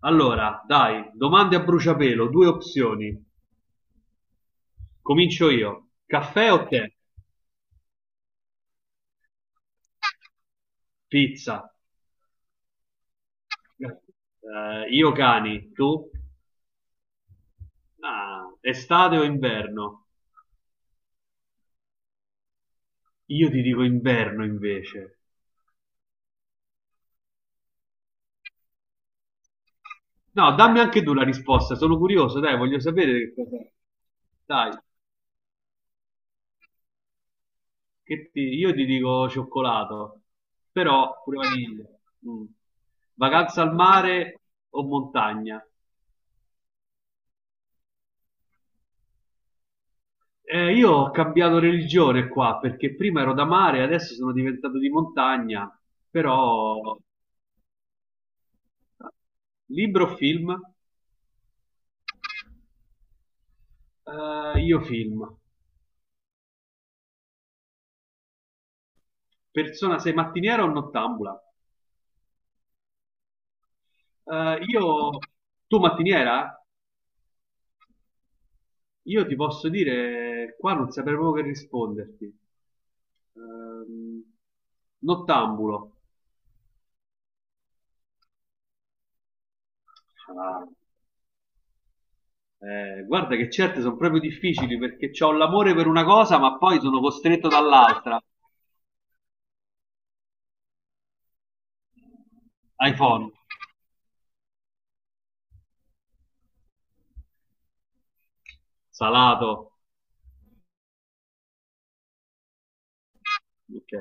Allora, dai, domande a bruciapelo, due opzioni. Comincio io. Caffè o tè? Pizza. Io cani, tu? Ah, estate o inverno? Io ti dico inverno invece. No, dammi anche tu la risposta, sono curioso, dai, voglio sapere che cos'è. Dai, io ti dico cioccolato, però pure vaniglia. Mm. Vacanza al mare o montagna? Io ho cambiato religione qua perché prima ero da mare, adesso sono diventato di montagna, però libro o film? Io film. Persona, sei mattiniera o nottambula? Eh, tu mattiniera? Io ti posso dire, qua non saprei proprio che risponderti. Ehm, Nottambulo. Ah, guarda che certe sono proprio difficili perché ho l'amore per una cosa ma poi sono costretto dall'altra. iPhone. Salato. Ok.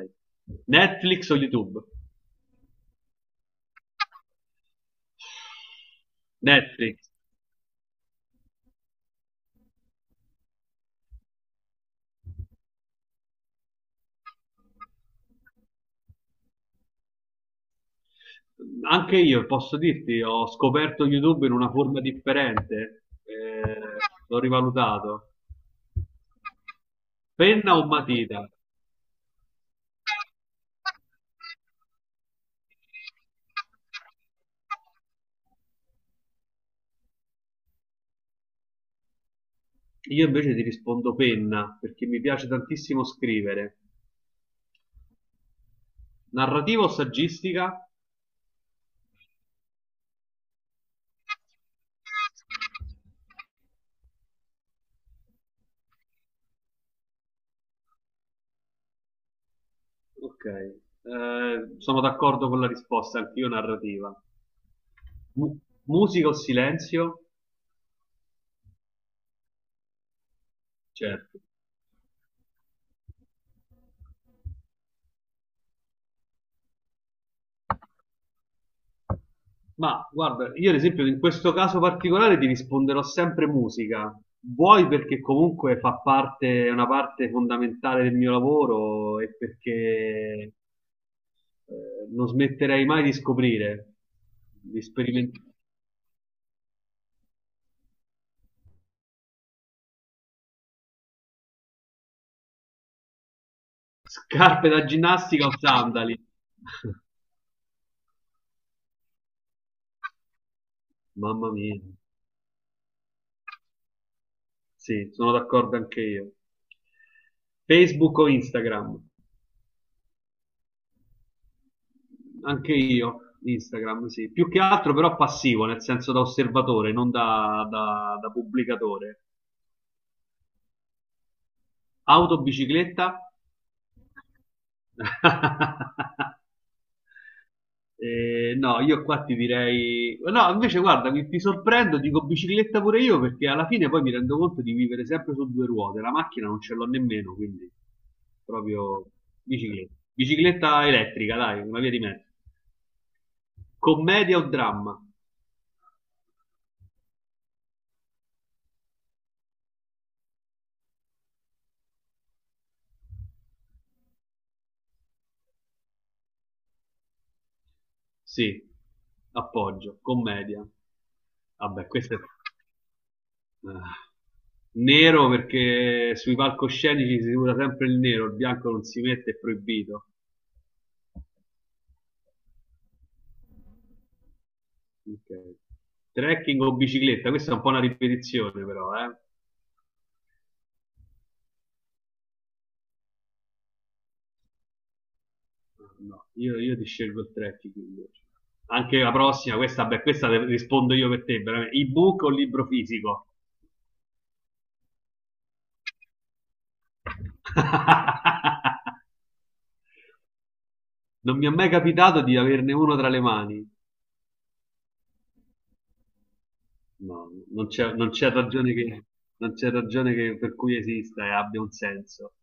Netflix o YouTube? Netflix. Anche io posso dirti, ho scoperto YouTube in una forma differente, l'ho rivalutato. Penna o matita? Io invece ti rispondo penna, perché mi piace tantissimo scrivere. Narrativa o saggistica? Ok, sono d'accordo con la risposta, anch'io narrativa. Mu- Musica o silenzio? Certo. Ma guarda, io ad esempio in questo caso particolare ti risponderò sempre musica. Vuoi perché comunque fa parte, è una parte fondamentale del mio lavoro e perché non smetterei mai di scoprire, di sperimentare. Scarpe da ginnastica o sandali? Mamma mia, sì, sono d'accordo anche io. Facebook o Instagram? Anche io, Instagram, sì. Più che altro però passivo, nel senso da osservatore, non da pubblicatore. Auto, bicicletta? No, io qua ti direi. No, invece guarda, ti sorprendo, dico bicicletta pure io, perché alla fine poi mi rendo conto di vivere sempre su due ruote. La macchina non ce l'ho nemmeno, quindi proprio bicicletta. Bicicletta elettrica, dai, una via di mezzo. Commedia o dramma? Sì, appoggio, commedia. Vabbè, ah. Nero perché sui palcoscenici si usa sempre il nero, il bianco non si mette, è proibito. Ok. Trekking o bicicletta? Questa è un po' una ripetizione però, eh. No, io ti scelgo il trekking invece. Anche la prossima, questa, beh, questa rispondo io per te, veramente. Ebook o libro fisico? Non mi è mai capitato di averne uno tra le mani. No, non c'è ragione che per cui esista e abbia un senso.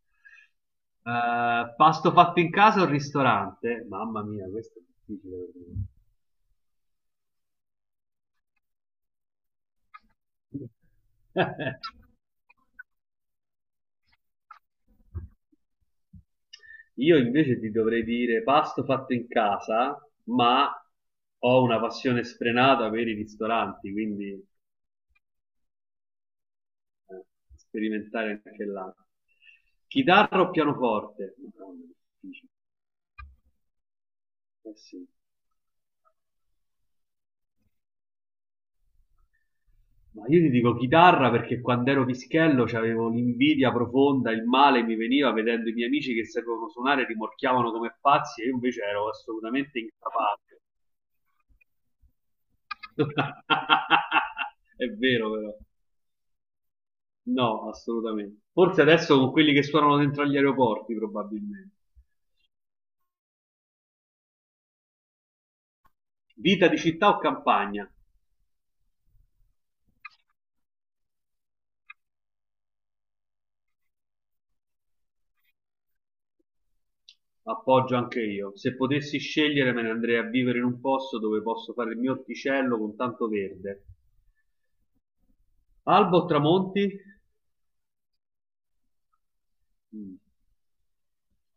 Pasto fatto in casa o ristorante? Mamma mia, questo è difficile per me. Io invece ti dovrei dire pasto fatto in casa, ma ho una passione sfrenata per i ristoranti, quindi eh, sperimentare anche là. Chitarra o pianoforte? Madonna, difficile. Eh sì. Ma io ti dico chitarra perché quando ero pischello c'avevo l'invidia profonda, il male mi veniva vedendo i miei amici che sapevano suonare, rimorchiavano come pazzi e io invece ero assolutamente incapace. È vero però, no, assolutamente. Forse adesso con quelli che suonano dentro agli aeroporti probabilmente. Vita di città o campagna? Appoggio anche io. Se potessi scegliere me ne andrei a vivere in un posto dove posso fare il mio orticello con tanto verde. Albo o tramonti? Mm.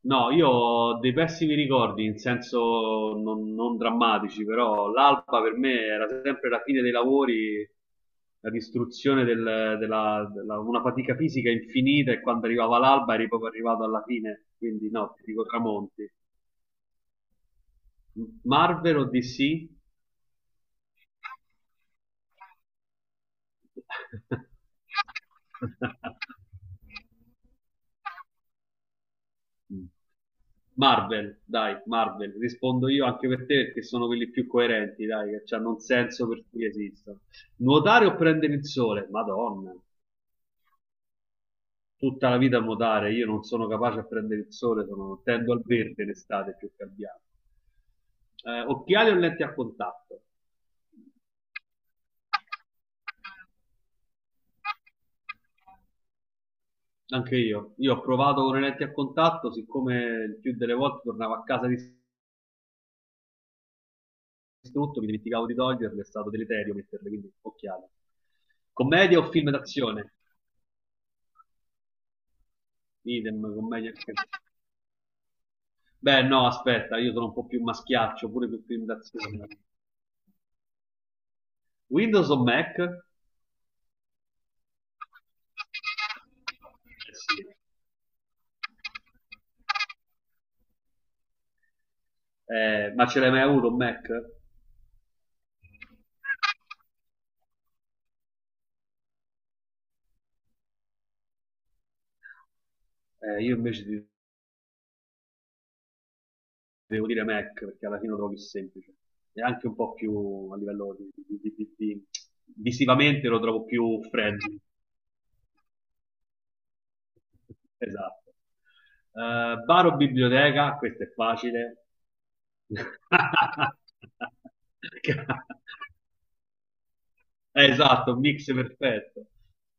No, io ho dei pessimi ricordi, in senso non drammatici, però l'alba per me era sempre la fine dei lavori, la distruzione una fatica fisica infinita e quando arrivava l'alba eri proprio arrivato alla fine, quindi no, ti dico tramonti. Marvel o DC? Mm. Marvel, dai, Marvel, rispondo io anche per te perché sono quelli più coerenti, dai, che hanno un senso per cui esistono. Nuotare o prendere il sole? Madonna, tutta la vita a nuotare, io non sono capace a prendere il sole, sono, tendo al verde in estate più che al bianco. Occhiali o lenti a contatto? Anche io, ho provato con le lenti a contatto, siccome il più delle volte tornavo a casa distrutto, mi dimenticavo di toglierle, è stato deleterio metterle, quindi occhiali. Commedia o film d'azione? Idem commedia. Beh, no, aspetta, io sono un po' più maschiaccio pure per film d'azione. Windows o Mac? Sì. Ma ce l'hai mai avuto un Mac? Io invece ti devo dire Mac perché alla fine lo trovo più semplice e anche un po' più a livello di, visivamente lo trovo più friendly. Esatto. Bar o biblioteca? Questo è facile. Ca- esatto, un mix perfetto.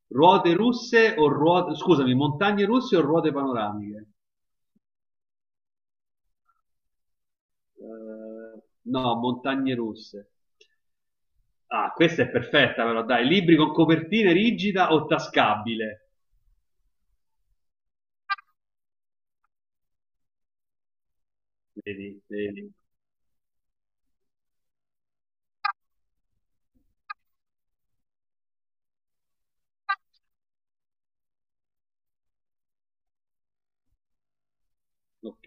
Ruote russe o ruote, scusami, montagne russe o ruote panoramiche? No, montagne russe. Ah, questa è perfetta però, dai, libri con copertina rigida o tascabile? Vedi, vedi. Ok,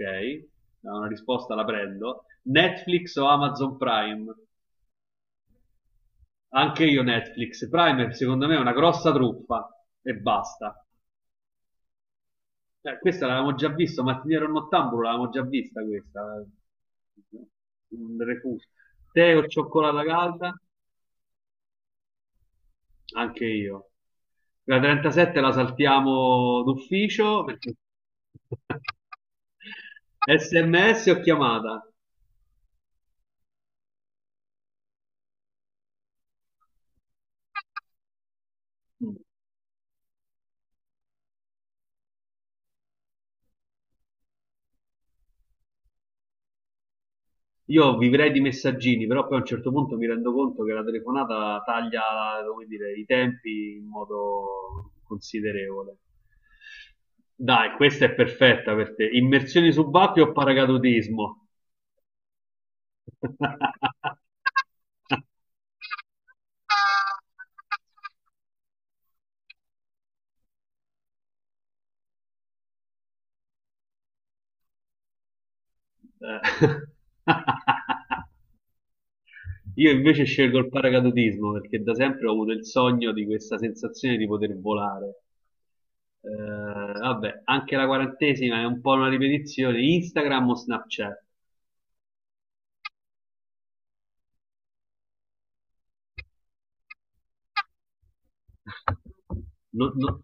no, una risposta la prendo. Netflix o Amazon Prime? Anche io Netflix. Prime secondo me è una grossa truffa e basta. Cioè, questa l'avevamo già vista, Mattiniero Nottambulo l'avevamo già vista questa. Un refuso. Tè o cioccolata calda? Anche io. La 37 la saltiamo d'ufficio perché. SMS o chiamata? Io vivrei di messaggini, però poi a un certo punto mi rendo conto che la telefonata taglia, come dire, i tempi in modo considerevole. Dai, questa è perfetta per te. Immersioni subacquee o paracadutismo? Eh. Io invece scelgo il paracadutismo perché da sempre ho avuto il sogno di questa sensazione di poter volare. Eh, vabbè, anche la quarantesima è un po' una ripetizione. Instagram o Snapchat? No, no-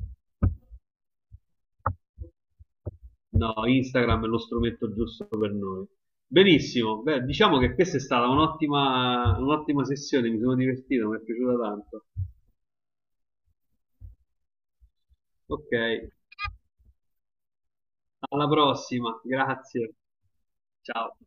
no, Instagram è lo strumento giusto per noi. Benissimo, beh, diciamo che questa è stata un'ottima sessione, mi sono divertito, mi è piaciuta tanto. Ok, alla prossima, grazie, ciao.